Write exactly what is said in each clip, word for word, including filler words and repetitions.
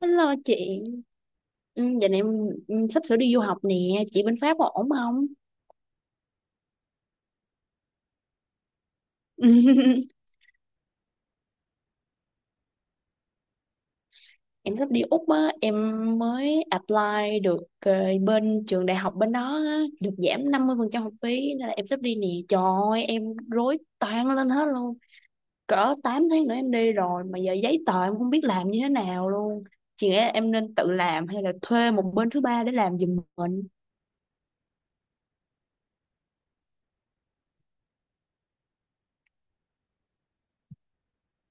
Hello chị, ừ, giờ này em em sắp sửa đi du học nè, chị bên Pháp có ổn không? Em sắp đi Úc á, em mới apply được, ờ, bên trường đại học bên đó á, được giảm năm mươi phần trăm học phí nên là em sắp đi nè. Trời ơi, em rối toang lên hết luôn. Cỡ tám tháng nữa em đi rồi mà giờ giấy tờ em không biết làm như thế nào luôn. Chị nghĩ là em nên tự làm hay là thuê một bên thứ ba để làm giùm mình?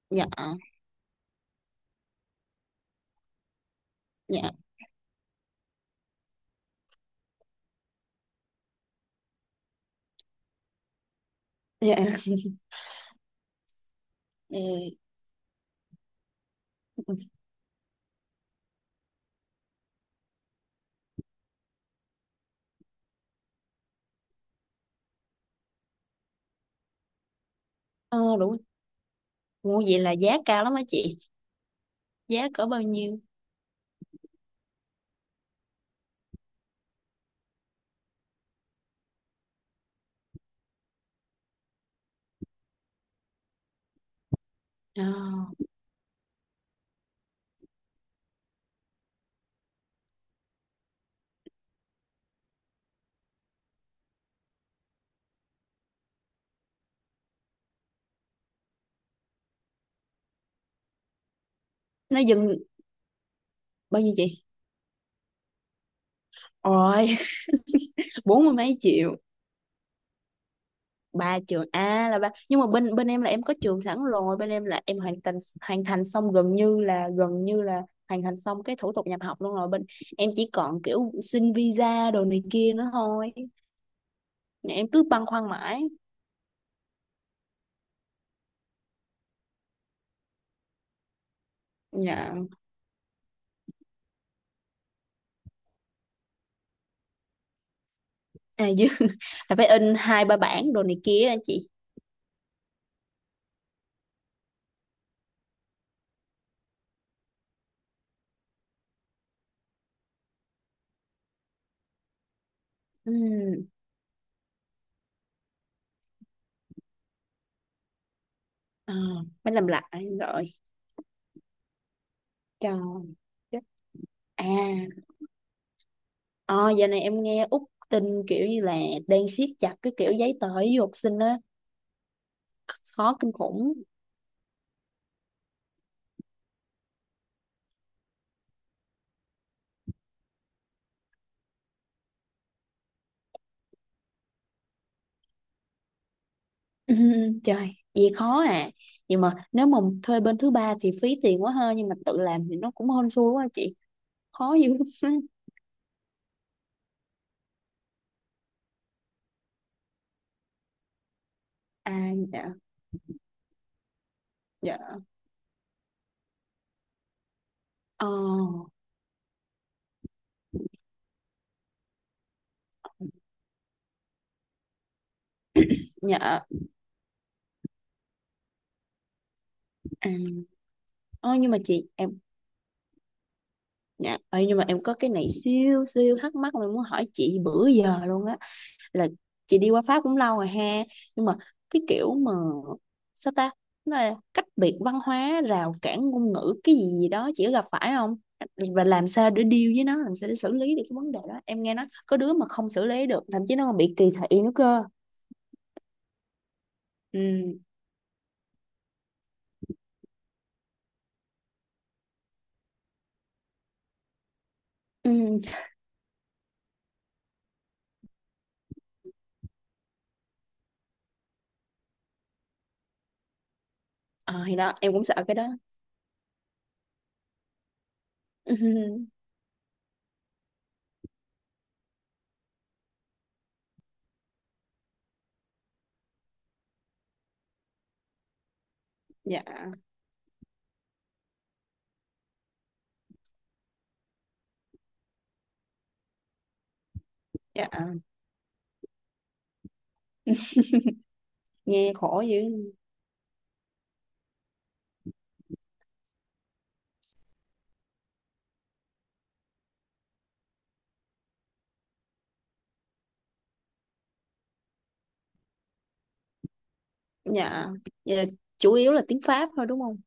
Dạ, dạ, dạ. Ừ. Ờ, đúng. Ủa, vậy là giá cao lắm á chị? Giá cỡ bao nhiêu? Ờ, nó dừng. Bao nhiêu chị? Ôi bốn mươi mấy triệu. Ba trường à? Là ba, nhưng mà bên bên em là em có trường sẵn rồi, bên em là em hoàn thành hoàn thành xong gần như là, gần như là hoàn thành xong cái thủ tục nhập học luôn rồi, bên em chỉ còn kiểu xin visa đồ này kia nữa thôi. Nè, em cứ băn khoăn mãi. Dạ. À chứ là phải in hai ba bản đồ này kia á chị? Ừ. À, phải làm lại rồi, trời. Chết. À. Ờ, giờ này em nghe Úc tin kiểu như là đang siết chặt cái kiểu giấy tờ với du học sinh á, khó kinh khủng. Trời, gì khó à. Nhưng mà nếu mà thuê bên thứ ba thì phí tiền quá ha, nhưng mà tự làm thì nó cũng hên xui quá chị. Khó dữ. À dạ, dạ. Ờ, dạ. À, ờ, nhưng mà chị em Dạ, ờ, nhưng mà em có cái này siêu siêu thắc mắc mà em muốn hỏi chị bữa giờ luôn á. Là chị đi qua Pháp cũng lâu rồi ha, nhưng mà cái kiểu mà sao ta, nó là cách biệt văn hóa, rào cản ngôn ngữ cái gì gì đó chị có gặp phải không? Và làm sao để deal với nó, làm sao để xử lý được cái vấn đề đó? Em nghe nói có đứa mà không xử lý được, thậm chí nó còn bị kỳ thị nữa cơ. Ừ. Ừ. Ờ, thì đó em cũng sợ cái đó. Dạ. Dạ, nghe khổ dữ. Dạ. Vậy là chủ yếu là tiếng Pháp thôi đúng không?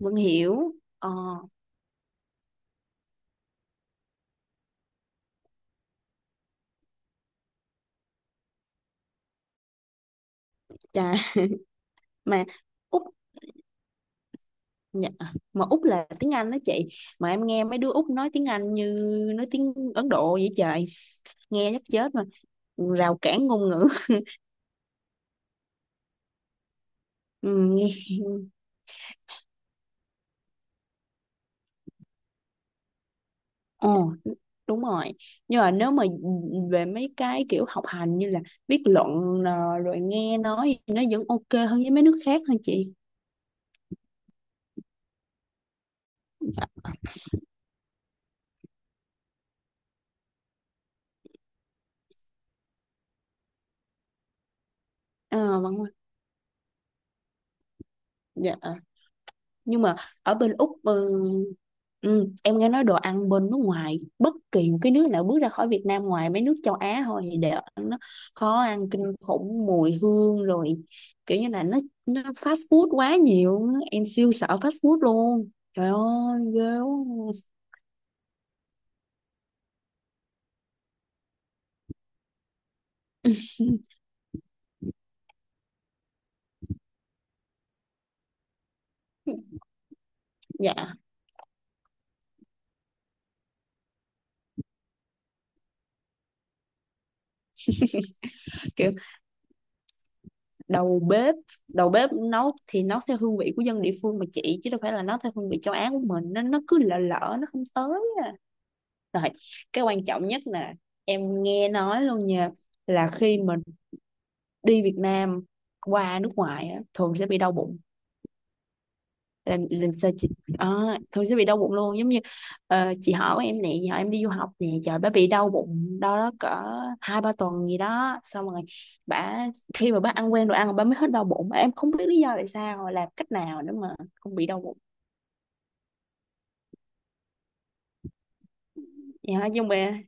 Vẫn hiểu. Ờ. Chà. Mà Úc. Dạ. Mà Úc là tiếng Anh đó chị. Mà em nghe mấy đứa Úc nói tiếng Anh như nói tiếng Ấn Độ vậy trời. Nghe chắc chết mà. Rào cản ngôn ngữ. Ừ, nghe. Ồ, đúng rồi. Nhưng mà nếu mà về mấy cái kiểu học hành như là viết luận, ờ, rồi nghe nói thì nó vẫn ok hơn với mấy nước khác hả chị? Ờ, vâng. Dạ, nhưng mà ở bên Úc. Ừ. Ừ, em nghe nói đồ ăn bên nước ngoài bất kỳ một cái nước nào bước ra khỏi Việt Nam ngoài mấy nước châu Á thôi thì đều ăn nó khó ăn kinh khủng, mùi hương rồi kiểu như là nó, nó fast food quá nhiều á. Em siêu sợ fast food luôn, trời ơi ghê quá. Dạ, kiểu đầu bếp, đầu bếp nấu thì nấu theo hương vị của dân địa phương mà chị chứ đâu phải là nấu theo hương vị châu Á của mình nên nó cứ lợ lỡ, nó không tới à. Rồi cái quan trọng nhất nè, em nghe nói luôn nha, là khi mà đi Việt Nam qua nước ngoài á, thường sẽ bị đau bụng. Làm làm sao chị? À, thường sẽ bị đau bụng luôn. Giống như ờ, chị họ của em nè, giờ em đi du học nè, trời, bà bị đau bụng, đau đó cỡ hai ba tuần gì đó, xong rồi bà, khi mà bà ăn quen đồ ăn bà mới hết đau bụng. Em không biết lý do tại sao, làm cách nào nữa mà không bị đau bụng. Dạ, nhưng mà.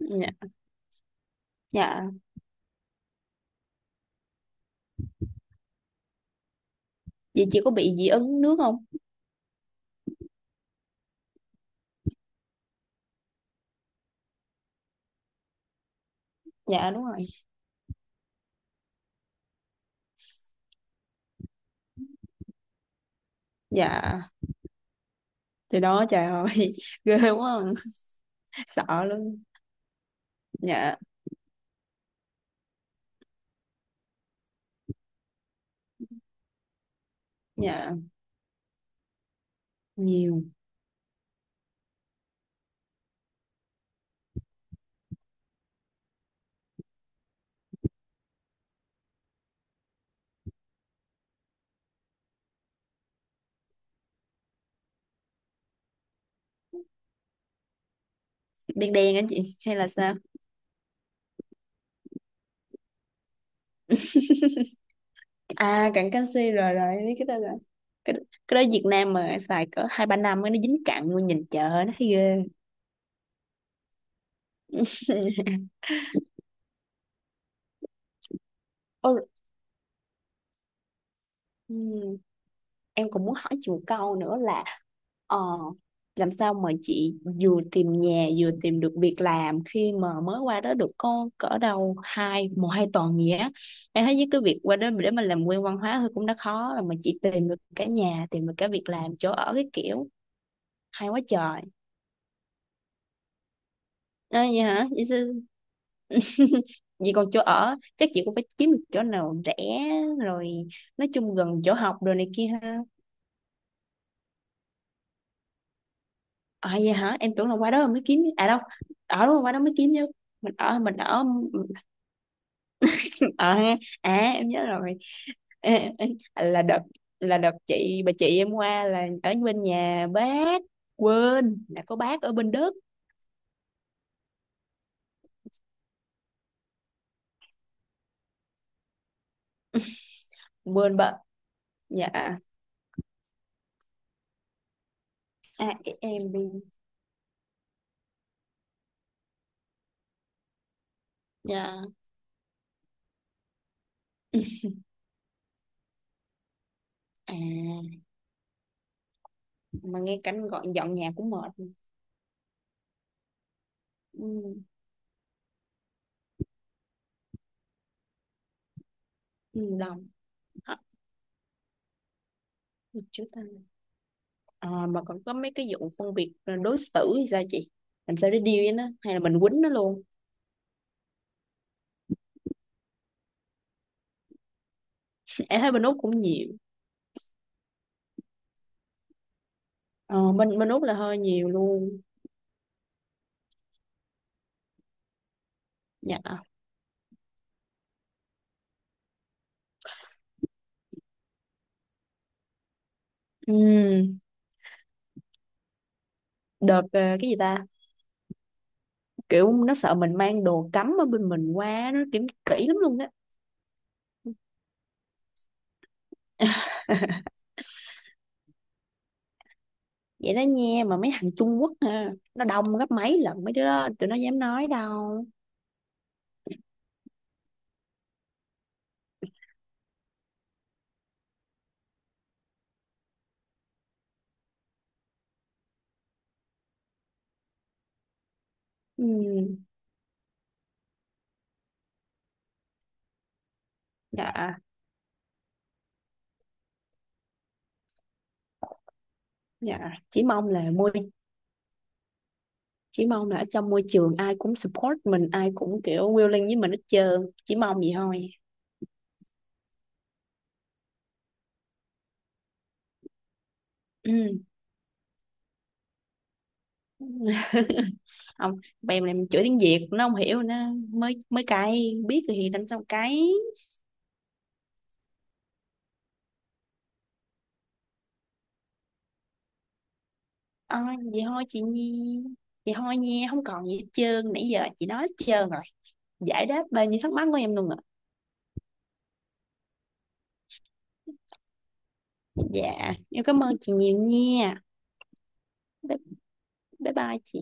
Dạ. Dạ, vậy chị có bị dị ứng nước không? Dạ đúng rồi. Dạ. Thì đó, trời ơi ghê quá. Sợ luôn. Dạ. Dạ. Nhiều. Đen đen á chị hay là sao? À cặn canxi, rồi rồi em biết cái đó rồi. cái, cái đó Việt Nam mà xài cỡ hai ba năm á, nó dính cặn luôn, nhìn chợ nó thấy ghê. Ôi, ừ. Em cũng muốn hỏi chị một câu nữa là ờ, làm sao mà chị vừa tìm nhà vừa tìm được việc làm khi mà mới qua đó được có cỡ đâu hai một hai tuần gì á? Em thấy với cái việc qua đó để mà làm quen văn hóa thôi cũng đã khó rồi mà chị tìm được cả nhà, tìm được cả việc làm chỗ ở cái kiểu. Hay quá trời. À, vậy hả? Vậy, sao- vậy còn chỗ ở chắc chị cũng phải kiếm được chỗ nào rẻ rồi, nói chung gần chỗ học rồi này kia ha. À vậy hả? Em tưởng là qua đó mới kiếm à đâu. Ở đúng qua đó mới kiếm chứ. Mình ở mình ở. Ờ ha. À em nhớ rồi. Ê, ê, là đợt là đợt chị, bà chị em qua là ở bên nhà bác. Quên là có bác ở bên Đức. Quên bà. Dạ. À em đi. Dạ. À, mà nghe cảnh gọn dọn nhà cũng mệt. Ừ. Ừ, đồng. Hả? Chú ta. À, mà còn có mấy cái vụ phân biệt đối xử thì sao chị? Làm sao để deal với nó, hay là mình quýnh nó luôn? Em thấy bên Úc cũng nhiều. ờ, bên bên Úc là hơi nhiều luôn. Dạ. Ừ, đợt ờ, cái gì ta, kiểu nó sợ mình mang đồ cấm ở bên mình qua nó kiểm kỹ lắm luôn á. Vậy đó nha, mà mấy thằng Trung Quốc hả, nó đông gấp mấy lần mấy đứa đó tụi nó dám nói đâu. Ừ. Dạ. Dạ. chỉ mong là môi chỉ mong là ở trong môi trường ai cũng support mình, ai cũng kiểu willing với mình hết trơn, chỉ mong vậy thôi. Ừ. Không, bèm này mình chửi tiếng Việt nó không hiểu, nó mới mới cay, biết rồi thì đánh sao cái. Ờ, vậy thôi chị Nhi. Vậy thôi nha, không còn gì hết trơn, nãy giờ chị nói hết trơn rồi, giải đáp bao nhiêu thắc mắc của em luôn rồi. Dạ em cảm ơn chị nhiều nha. Bye, bye bye chị.